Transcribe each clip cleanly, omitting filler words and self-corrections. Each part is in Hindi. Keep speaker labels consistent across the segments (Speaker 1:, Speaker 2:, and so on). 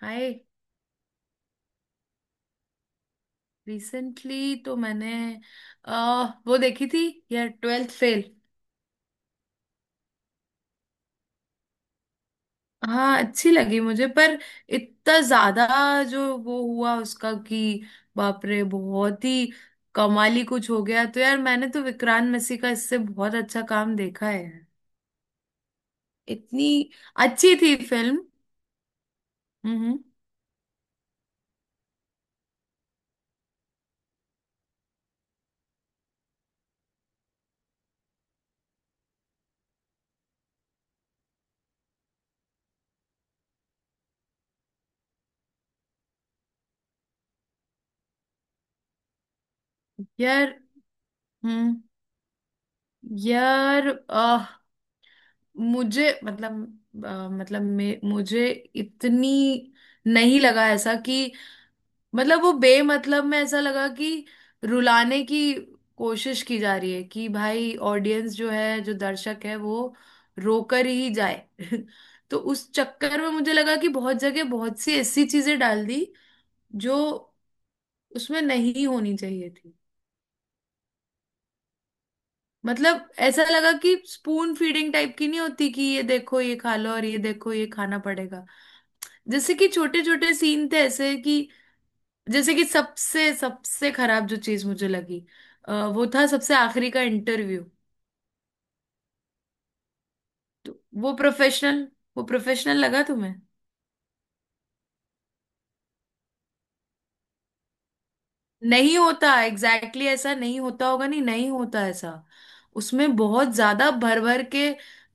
Speaker 1: हाय। रिसेंटली तो मैंने वो देखी थी यार, ट्वेल्थ फेल। हाँ अच्छी लगी मुझे, पर इतना ज्यादा जो वो हुआ उसका कि बाप रे, बहुत ही कमाली कुछ हो गया। तो यार मैंने तो विक्रांत मैसी का इससे बहुत अच्छा काम देखा है। इतनी अच्छी थी फिल्म। हम्म। यार। हम्म। यार मुझे मतलब मतलब मुझे इतनी नहीं लगा ऐसा कि, मतलब वो बेमतलब में ऐसा लगा कि रुलाने की कोशिश की जा रही है कि भाई ऑडियंस जो है, जो दर्शक है वो रोकर ही जाए तो उस चक्कर में मुझे लगा कि बहुत जगह बहुत सी ऐसी चीजें डाल दी जो उसमें नहीं होनी चाहिए थी। मतलब ऐसा लगा कि स्पून फीडिंग टाइप की, नहीं होती कि ये देखो ये खा लो और ये देखो ये खाना पड़ेगा। जैसे कि छोटे छोटे सीन थे ऐसे कि, जैसे कि सबसे सबसे खराब जो चीज मुझे लगी, वो था सबसे आखिरी का इंटरव्यू। तो वो प्रोफेशनल वो प्रोफेशनल लगा तुम्हें? नहीं होता, एग्जैक्टली exactly ऐसा नहीं होता होगा, नहीं नहीं होता ऐसा। उसमें बहुत ज्यादा भर भर के,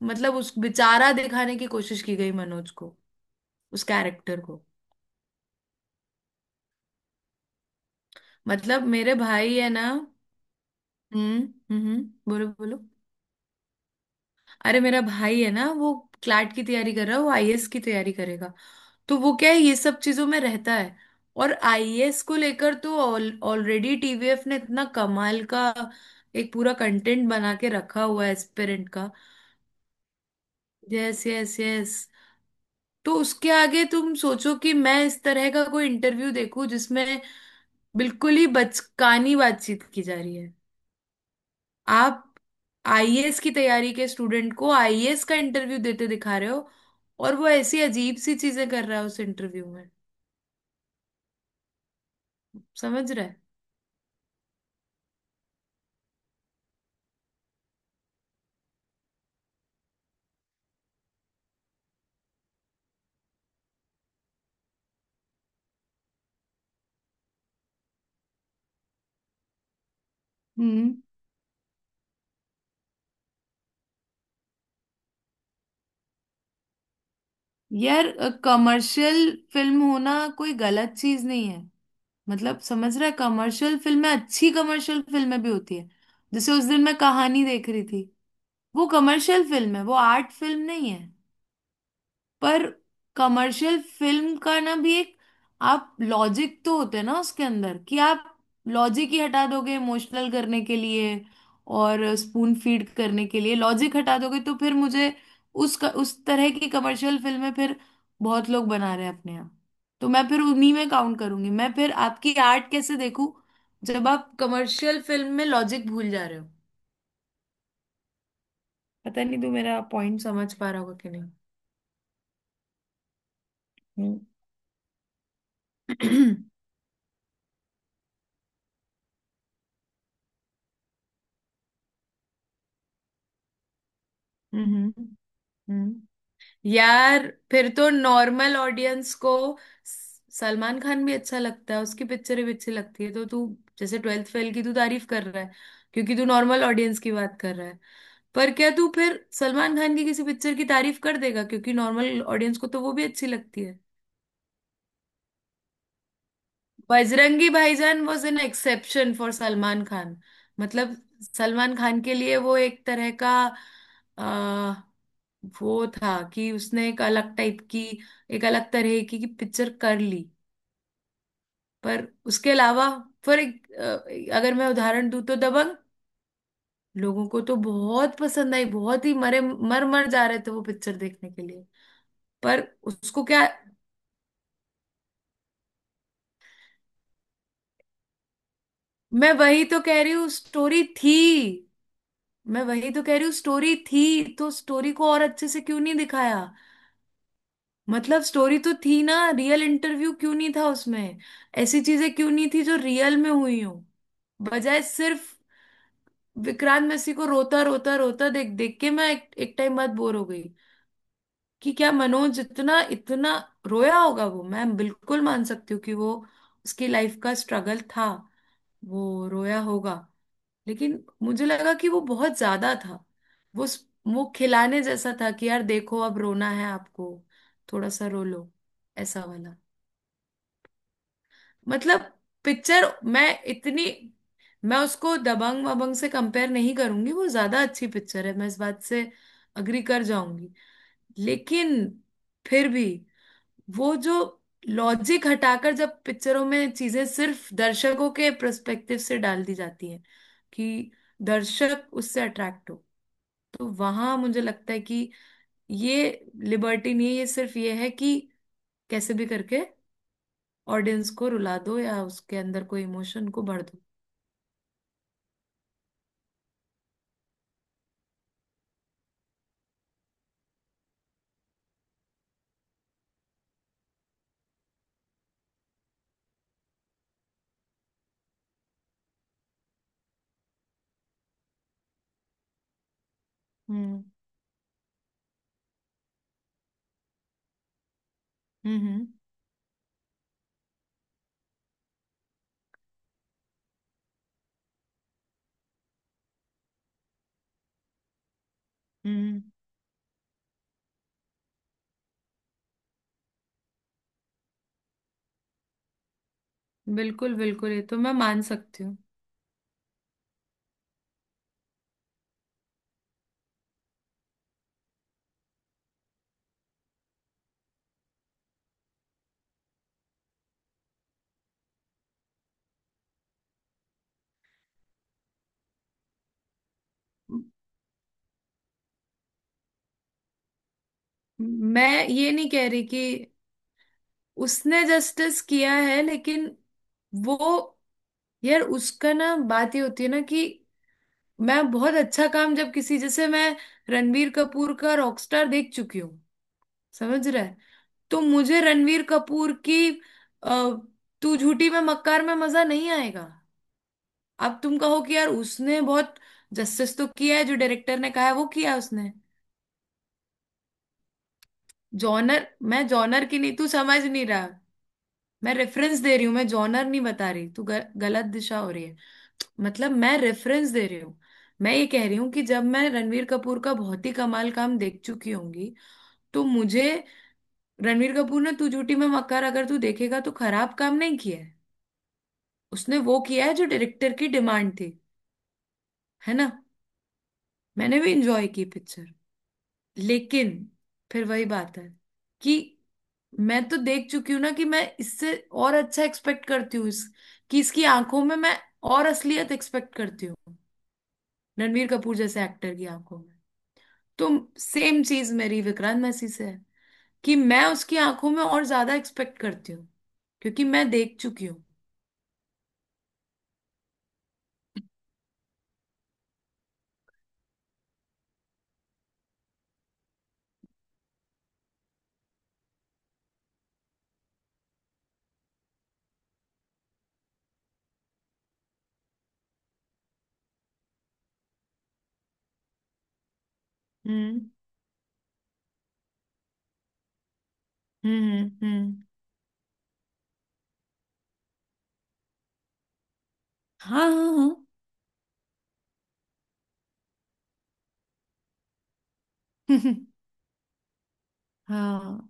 Speaker 1: मतलब उस बेचारा दिखाने की कोशिश की गई मनोज को, उस कैरेक्टर को। मतलब मेरे भाई है ना। हम्म। हम्म। बोलो बोलो। अरे मेरा भाई है ना, वो क्लैट की तैयारी कर रहा है, वो आईएएस की तैयारी करेगा। तो वो क्या है, ये सब चीजों में रहता है। और आईएएस को लेकर तो ऑलरेडी टीवीएफ ने इतना कमाल का एक पूरा कंटेंट बना के रखा हुआ है, एस्पिरेंट का। Yes yes yes. तो उसके आगे तुम सोचो कि मैं इस तरह का कोई इंटरव्यू देखूं जिसमें बिल्कुल ही बचकानी बातचीत की जा रही है। आप आईएएस की तैयारी के स्टूडेंट को आईएएस का इंटरव्यू देते दिखा रहे हो, और वो ऐसी अजीब सी चीजें कर रहा है उस इंटरव्यू में। समझ रहे? यार कमर्शियल फिल्म होना कोई गलत चीज नहीं है। मतलब समझ रहा है, कमर्शियल फिल्में, अच्छी कमर्शियल फिल्में भी होती है। जैसे उस दिन मैं कहानी देख रही थी, वो कमर्शियल फिल्म है, वो आर्ट फिल्म नहीं है। पर कमर्शियल फिल्म का ना भी एक आप लॉजिक तो होते हैं ना उसके अंदर, कि आप लॉजिक ही हटा दोगे इमोशनल करने के लिए और स्पून फीड करने के लिए लॉजिक हटा दोगे, तो फिर मुझे उस तरह की कमर्शियल फिल्में फिर बहुत लोग बना रहे हैं अपने यहाँ। तो मैं फिर उन्हीं में काउंट करूंगी, मैं फिर आपकी आर्ट कैसे देखूं जब आप कमर्शियल फिल्म में लॉजिक भूल जा रहे हो। पता नहीं तू मेरा पॉइंट समझ पा रहा होगा कि नहीं। हम्म। हम्म। हम्म। यार फिर तो नॉर्मल ऑडियंस को सलमान खान भी अच्छा लगता है, उसकी पिक्चरें भी अच्छी लगती है, तो तू जैसे ट्वेल्थ फेल की तू तारीफ कर रहा है क्योंकि तू नॉर्मल ऑडियंस की बात कर रहा है। पर क्या तू फिर सलमान खान की किसी पिक्चर की तारीफ कर देगा क्योंकि नॉर्मल ऑडियंस को तो वो भी अच्छी लगती है? Bajrangi Bhaijaan was an exception for Salman Khan. मतलब सलमान खान के लिए वो एक तरह का, वो था कि उसने एक अलग टाइप की, एक अलग तरह की पिक्चर कर ली। पर उसके अलावा, फॉर एक अगर मैं उदाहरण दूं तो दबंग, लोगों को तो बहुत पसंद आई, बहुत ही मरे मर मर जा रहे थे वो पिक्चर देखने के लिए। पर उसको क्या, मैं वही तो कह रही हूँ स्टोरी थी। मैं वही तो कह रही हूँ स्टोरी थी, तो स्टोरी को और अच्छे से क्यों नहीं दिखाया? मतलब स्टोरी तो थी ना, रियल इंटरव्यू क्यों नहीं था उसमें, ऐसी चीजें क्यों नहीं थी जो रियल में हुई हूं? बजाय सिर्फ विक्रांत मैसी को रोता रोता रोता देख देख के मैं एक टाइम बाद बोर हो गई। कि क्या मनोज इतना इतना रोया होगा, वो मैं बिल्कुल मान सकती हूँ कि वो, उसकी लाइफ का स्ट्रगल था, वो रोया होगा। लेकिन मुझे लगा कि वो बहुत ज्यादा था, वो वो खिलाने जैसा था कि यार देखो अब रोना है आपको, थोड़ा सा रो लो, ऐसा वाला। मतलब पिक्चर, मैं इतनी, मैं उसको दबंग वबंग से कंपेयर नहीं करूंगी, वो ज्यादा अच्छी पिक्चर है, मैं इस बात से अग्री कर जाऊंगी। लेकिन फिर भी वो जो लॉजिक हटाकर जब पिक्चरों में चीजें सिर्फ दर्शकों के पर्सपेक्टिव से डाल दी जाती हैं कि दर्शक उससे अट्रैक्ट हो, तो वहां मुझे लगता है कि ये लिबर्टी नहीं है, ये सिर्फ ये है कि कैसे भी करके ऑडियंस को रुला दो या उसके अंदर कोई इमोशन को भर दो। हम्म। हम्म। हम्म। बिल्कुल बिल्कुल, ये तो मैं मान सकती हूँ। मैं ये नहीं कह रही कि उसने जस्टिस किया है, लेकिन वो, यार उसका ना, बात ये होती है ना कि मैं बहुत अच्छा काम, जब किसी, जैसे मैं रणबीर कपूर का रॉकस्टार देख चुकी हूँ। समझ रहा है? तो मुझे रणबीर कपूर की, अ, तू झूठी में मक्कार में मजा नहीं आएगा। अब तुम कहो कि यार उसने बहुत जस्टिस तो किया है, जो डायरेक्टर ने कहा है वो किया है उसने। जॉनर, मैं जॉनर की नहीं, तू समझ नहीं रहा। मैं रेफरेंस दे रही हूँ, मैं जॉनर नहीं बता रही, तू गलत दिशा हो रही है। मतलब मैं रेफरेंस दे रही हूँ। मैं ये कह रही हूँ कि जब मैं रणवीर कपूर का बहुत ही कमाल काम देख चुकी होंगी, तो मुझे, रणवीर कपूर ने तू झूठी मैं मक्कार अगर तू देखेगा तो खराब काम नहीं किया है, उसने वो किया है जो डायरेक्टर की डिमांड थी। है ना, मैंने भी इंजॉय की पिक्चर। लेकिन फिर वही बात है कि मैं तो देख चुकी हूँ ना कि मैं इससे और अच्छा एक्सपेक्ट करती हूँ, इस, कि इसकी आंखों में मैं और असलियत एक्सपेक्ट करती हूँ, रणबीर कपूर जैसे एक्टर की आंखों में। तो सेम चीज मेरी विक्रांत मैसी से है, कि मैं उसकी आंखों में और ज्यादा एक्सपेक्ट करती हूँ क्योंकि मैं देख चुकी हूँ। हम्म। हम्म। हम्म। हाँ हाँ। हाँ हाँ।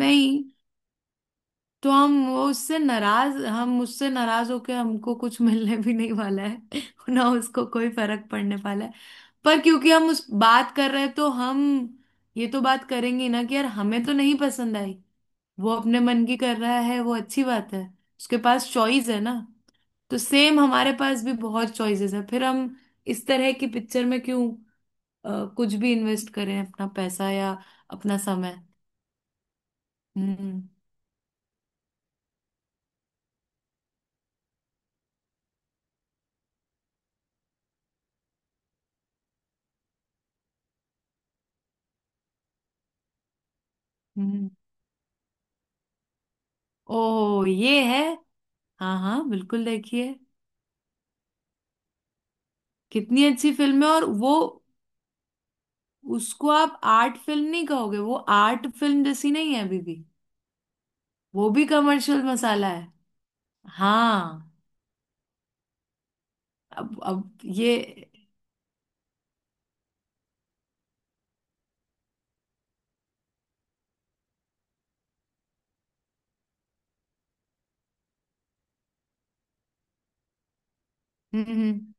Speaker 1: नहीं। तो हम वो उससे नाराज, हम उससे नाराज होके हमको कुछ मिलने भी नहीं वाला है। ना उसको कोई फर्क पड़ने वाला है। पर क्योंकि हम उस बात कर रहे हैं तो हम ये तो बात करेंगे ना कि यार हमें तो नहीं पसंद आई। वो अपने मन की कर रहा है, वो अच्छी बात है, उसके पास चॉइस है ना। तो सेम हमारे पास भी बहुत चॉइसेस है, फिर हम इस तरह की पिक्चर में क्यों कुछ भी इन्वेस्ट करें अपना पैसा या अपना समय? हम्म। हम्म। ओ ये है। हाँ हाँ, बिल्कुल देखिए। कितनी अच्छी फिल्म है, और वो, उसको आप आर्ट फिल्म नहीं कहोगे, वो आर्ट फिल्म जैसी नहीं है अभी भी। वो भी कमर्शियल मसाला है। हाँ। अब ये। हम्म। हम्म।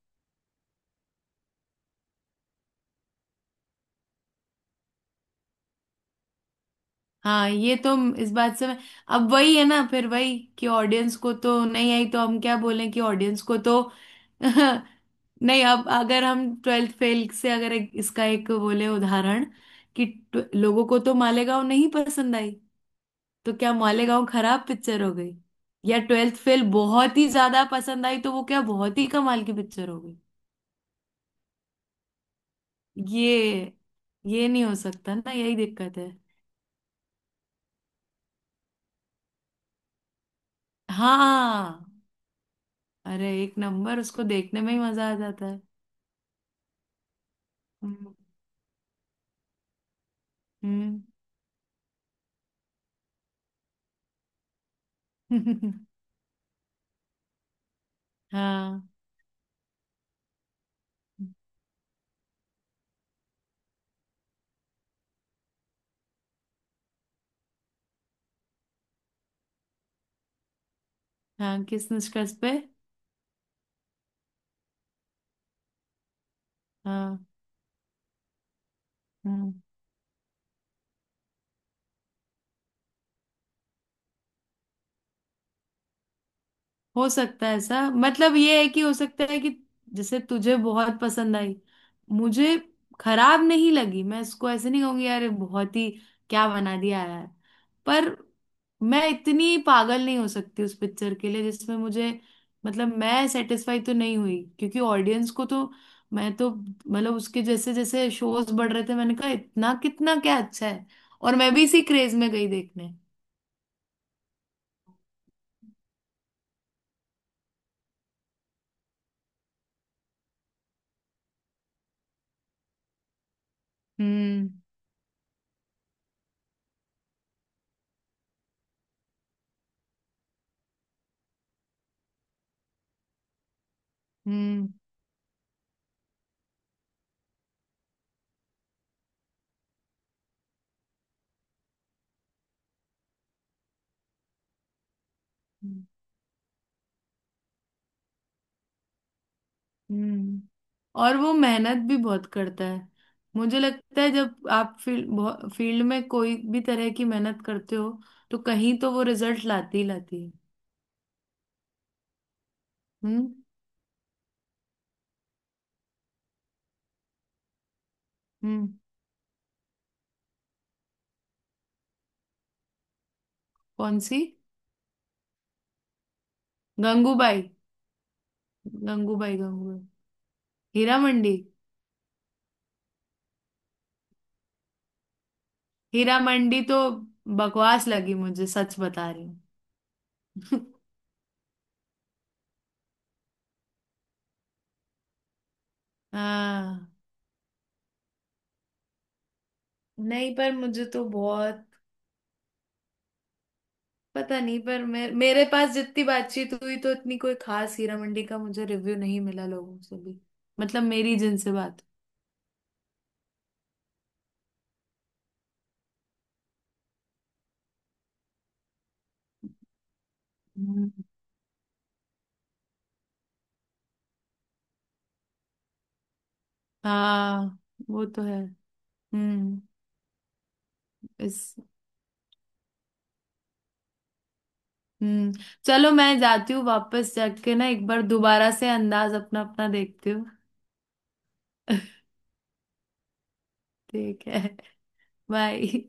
Speaker 1: हाँ ये तो, इस बात से मैं, अब वही है ना, फिर वही कि ऑडियंस को तो नहीं आई तो हम क्या बोलें कि ऑडियंस को तो नहीं, अब अगर हम ट्वेल्थ फेल से अगर इसका एक बोले उदाहरण कि, लोगों को तो मालेगांव नहीं पसंद आई तो क्या मालेगांव खराब पिक्चर हो गई? या ट्वेल्थ फेल बहुत ही ज्यादा पसंद आई तो वो क्या बहुत ही कमाल की पिक्चर हो गई? ये ये नहीं हो सकता ना, यही दिक्कत है। हाँ, अरे एक नंबर, उसको देखने में ही मजा आ जाता है। हम्म। हम्म। हाँ। हाँ किस निष्कर्ष पे? हाँ। हम्म। हो सकता है ऐसा, मतलब ये है कि हो सकता है कि जैसे तुझे बहुत पसंद आई, मुझे खराब नहीं लगी, मैं इसको ऐसे नहीं कहूंगी यार ये बहुत ही क्या बना दिया यार। पर मैं इतनी पागल नहीं हो सकती उस पिक्चर के लिए, जिसमें मुझे, मतलब मैं सेटिस्फाई तो नहीं हुई क्योंकि ऑडियंस को तो, मैं तो मतलब उसके जैसे जैसे शोज बढ़ रहे थे मैंने कहा इतना कितना क्या अच्छा है, और मैं भी इसी क्रेज में गई देखने। हम्म। हम्म। हम्म। और वो मेहनत भी बहुत करता है। मुझे लगता है जब आप फील्ड फील्ड में कोई भी तरह की मेहनत करते हो, तो कहीं तो वो रिजल्ट लाती ही लाती है। हम्म। हम्म। कौन सी? गंगूबाई। गंगूबाई गंगूबाई। हीरा मंडी। हीरा मंडी तो बकवास लगी मुझे, सच बता रही हूँ। हाँ। नहीं पर मुझे तो बहुत, पता नहीं, पर मेरे मेरे पास जितनी बातचीत हुई तो इतनी कोई खास हीरा मंडी का मुझे रिव्यू नहीं मिला लोगों से भी। मतलब मेरी जिनसे बात। हम्म। हाँ वो तो है। हम्म। इस। हम्म। चलो मैं जाती हूँ, वापस जाके ना एक बार दोबारा से अंदाज अपना अपना देखती हूँ। ठीक है। बाय।